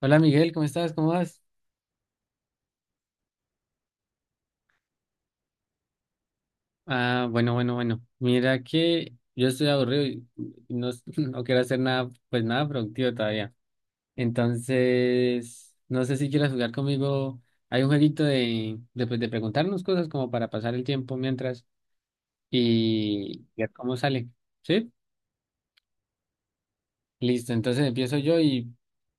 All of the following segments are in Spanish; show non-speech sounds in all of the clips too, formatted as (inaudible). Hola Miguel, ¿cómo estás? ¿Cómo vas? Ah, bueno, bueno, bueno. Mira que yo estoy aburrido y no, (laughs) no quiero hacer nada, pues nada productivo todavía. Entonces, no sé si quieres jugar conmigo. Hay un jueguito de, pues, de preguntarnos cosas como para pasar el tiempo mientras y ver cómo sale. ¿Sí? Listo, entonces empiezo yo y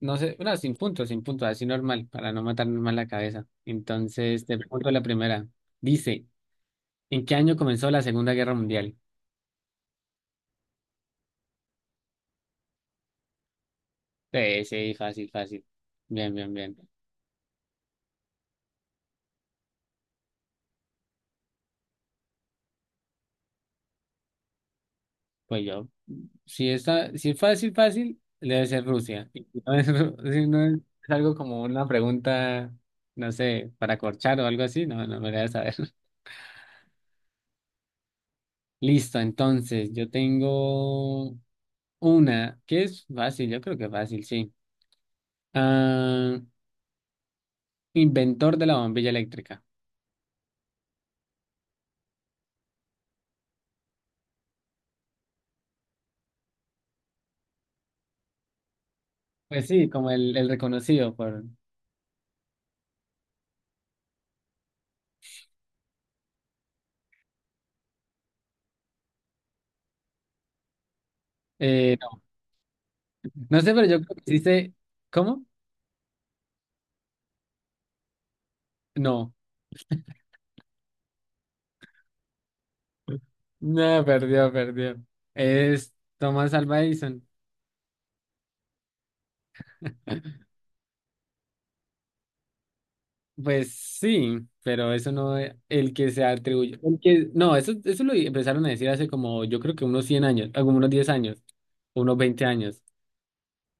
no sé, no, sin puntos, sin puntos, así normal, para no matarme mal la cabeza. Entonces, te pregunto la primera. Dice, ¿en qué año comenzó la Segunda Guerra Mundial? Sí, sí, fácil, fácil. Bien, bien, bien. Pues yo, si es fácil, fácil, debe ser Rusia. Y si no es, (laughs) si no es algo como una pregunta, no sé, para corchar o algo así, no, no me voy a saber. (laughs) Listo, entonces, yo tengo una que es fácil, yo creo que fácil, sí. Ah, inventor de la bombilla eléctrica. Pues sí, como el reconocido por... No, no sé, pero yo creo que sí sé... ¿Cómo? No. No, perdió, perdió. Es Thomas Alva Edison. Pues sí, pero eso no es el que se atribuye. El que, no, eso lo empezaron a decir hace como, yo creo que unos 100 años, como unos 10 años, unos 20 años.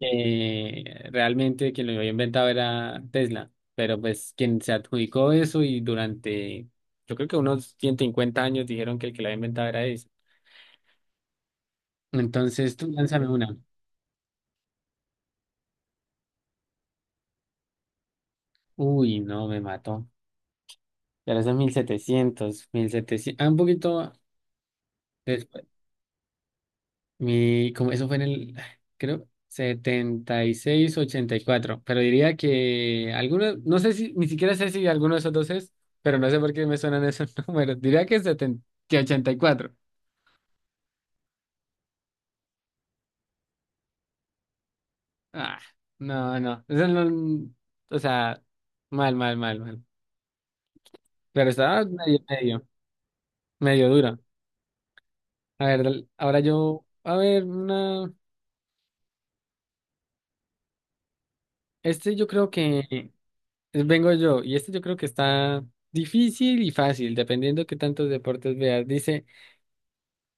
Realmente quien lo había inventado era Tesla, pero pues quien se adjudicó eso y durante, yo creo que unos 150 años dijeron que el que lo había inventado era Edison. Entonces tú lánzame una. Uy, no, me mató. Ya los mil setecientos, un poquito después. Como eso fue en el, creo, 76 84. Pero diría que algunos, no sé si, ni siquiera sé si alguno de esos dos es, pero no sé por qué me suenan esos (laughs) números. Diría que, 70, que 84. Ah, no, no. Eso no, o sea, mal, mal, mal, mal. Pero estaba medio, medio, medio duro. A ver, dale, ahora yo, a ver, una, este yo creo que. Vengo yo, y este yo creo que está difícil y fácil, dependiendo qué tantos deportes veas. Dice,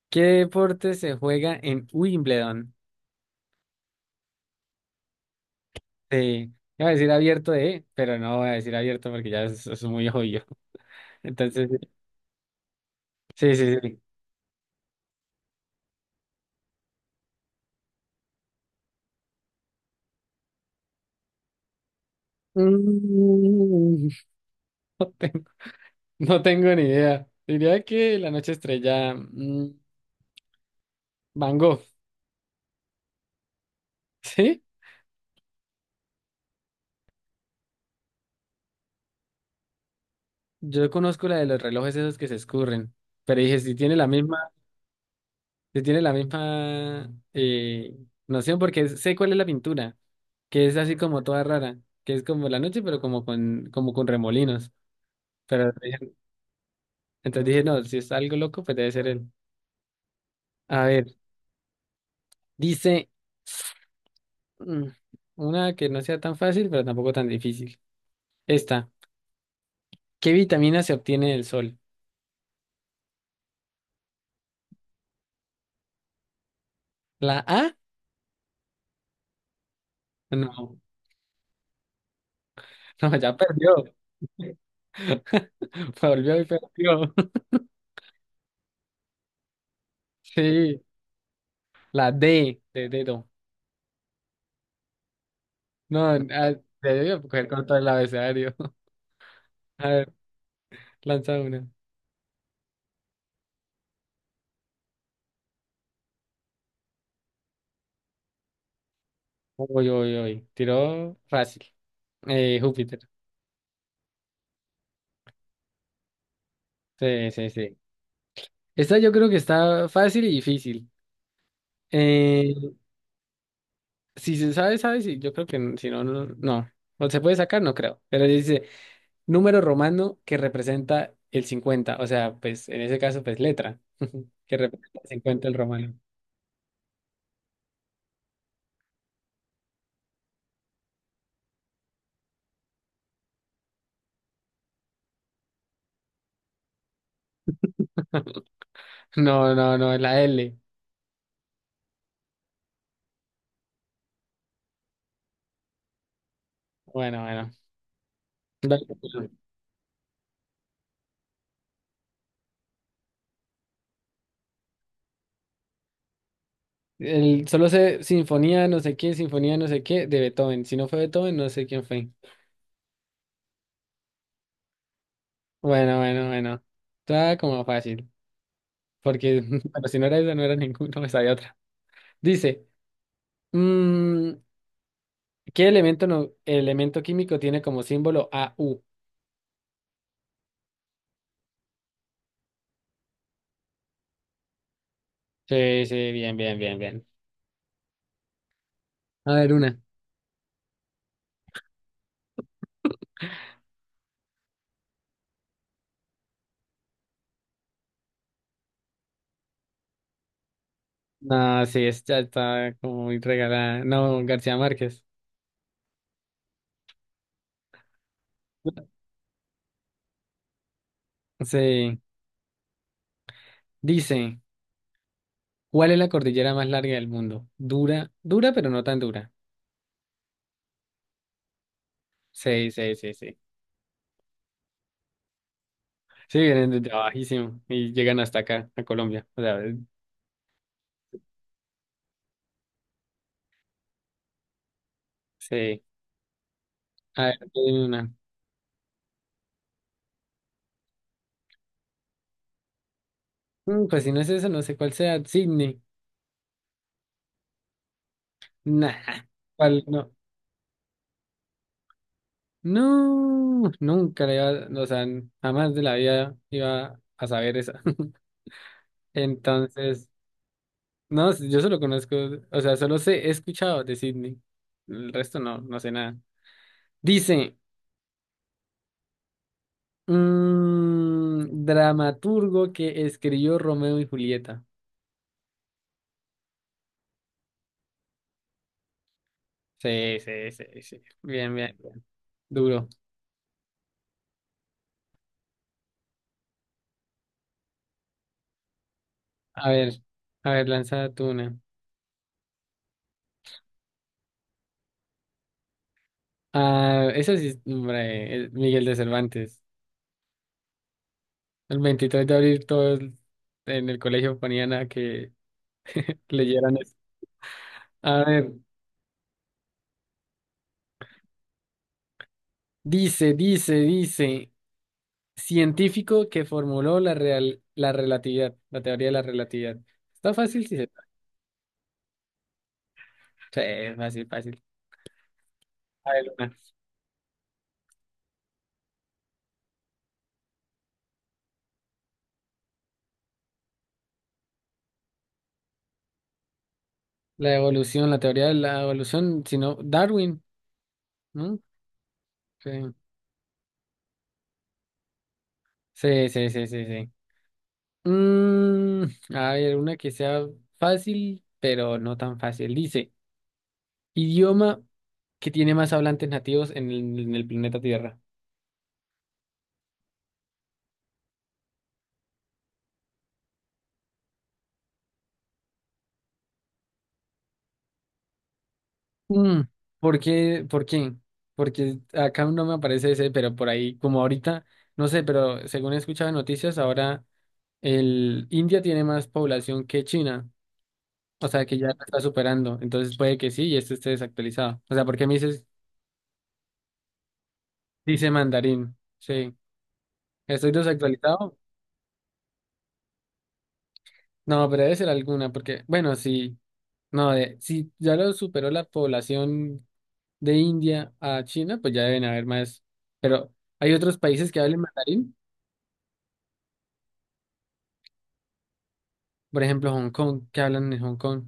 ¿qué deporte se juega en Wimbledon? Sí, iba a decir abierto de, pero no voy a decir abierto porque ya es muy obvio. (laughs) Entonces, sí, sí, sí. Mm, (laughs) no tengo, no tengo ni idea. Diría que la noche estrella, Van Gogh, (laughs) ¿sí? Yo conozco la de los relojes esos que se escurren, pero dije, si tiene la misma. Se tiene la misma noción porque sé cuál es la pintura, que es así como toda rara, que es como la noche, pero como con remolinos. Pero dije- entonces dije, no, si es algo loco, pues debe ser él. A ver, dice mm, una que no sea tan fácil, pero tampoco tan difícil. Esta, ¿qué vitamina se obtiene del sol? ¿La A? No, (laughs) no, ya perdió. (laughs) Volvió y perdió. (laughs) Sí, la D de dedo. No, debió coger con todo el abecedario. A ver, lanza una. Uy, uy, uy. Tiró fácil. Júpiter. Sí, sí, sí. Esta yo creo que está fácil y difícil. Eh, si se sabe, sabe. Sí, yo creo que si no, no. No. O se puede sacar, no creo. Pero dice número romano que representa el 50. O sea, pues en ese caso, pues letra. (laughs) Que representa el 50 el romano. No, no, no, es la L. Bueno, bueno. Dale, pues. Solo sé sinfonía, no sé qué, sinfonía, no sé qué, de Beethoven. Si no fue Beethoven, no sé quién fue. Bueno, bueno, bueno. Está como fácil, porque (laughs) bueno, si no era esa, no era ninguno, esa de otra. Dice, mm, ¿qué elemento, no, elemento químico tiene como símbolo a u? Sí, sí, bien, bien, bien, bien. A ver, una. No, sí, esta está como muy regalada. No, García Márquez. Sí. Dice, ¿cuál es la cordillera más larga del mundo? Dura, dura, pero no tan dura. Sí, sí, sí, sí. Sí, vienen desde bajísimo y llegan hasta acá, a Colombia. O sea, sí. A ver, tú dime una. Pues si no es eso, no sé cuál sea. Sydney. Nah. ¿Cuál? No. No, nunca le iba, o sea, jamás de la vida iba a saber esa. (laughs) Entonces, no, yo solo conozco, o sea, solo sé, he escuchado de Sydney. El resto no, no sé nada. Dice, dramaturgo que escribió Romeo y Julieta. Sí, sí, sí, sí. Bien, bien, bien. Duro. A ver, a ver, lanza tú una. Ah, eso sí, hombre, el Miguel de Cervantes. El 23 de abril todos en el colegio ponían a que leyeran eso. A ver, dice, científico que formuló la real, la relatividad, la teoría de la relatividad. Está fácil, sí, sí, es fácil, fácil. A ver, una. La evolución, la teoría de la evolución, sino Darwin, ¿no? Sí, sí, sí, sí, sí. Sí. Mm, a ver, una que sea fácil, pero no tan fácil. Dice. Idioma que tiene más hablantes nativos en el planeta Tierra. Mm, ¿Por qué? ¿Por qué? Porque acá no me aparece ese, pero por ahí, como ahorita, no sé, pero según he escuchado en noticias, ahora el India tiene más población que China, o sea que ya la está superando, entonces puede que sí y este esté desactualizado. O sea, ¿por qué me dices, dice mandarín? Sí, ¿estoy desactualizado? No, pero debe ser alguna, porque, bueno, sí, no, de, si ya lo superó la población de India a China, pues ya deben haber más. Pero hay otros países que hablan mandarín, por ejemplo, Hong Kong, que hablan en Hong Kong.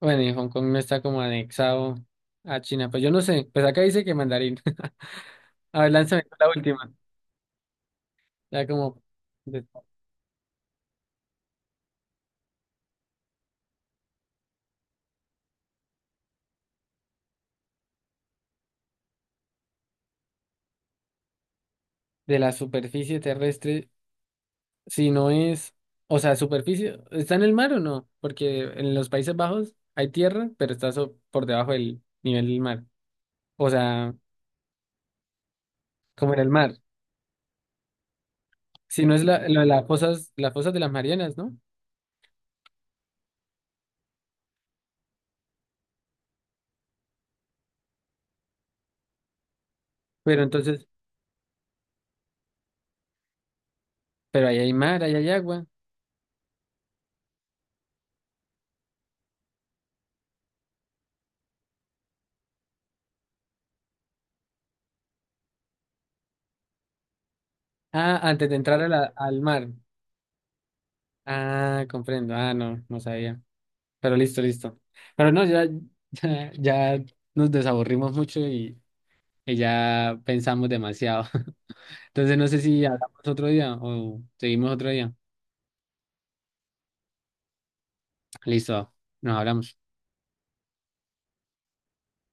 Bueno, y Hong Kong no está como anexado a China, pues yo no sé, pues acá dice que mandarín. (laughs) A ver, lánzame tú la última. Ya como de, de la superficie terrestre, si no es, o sea, superficie, ¿está en el mar o no? Porque en los Países Bajos hay tierra, pero está por debajo del nivel del mar. O sea, como en el mar. Si no es la, lo de las fosas de las Marianas, ¿no? Pero entonces, pero ahí hay mar, ahí hay agua. Ah, antes de entrar a al mar. Ah, comprendo. Ah, no, no sabía. Pero listo, listo. Pero no, ya, (laughs) ya nos desaburrimos mucho y ya pensamos demasiado. (laughs) Entonces no sé si hablamos otro día o seguimos otro día. Listo, nos hablamos.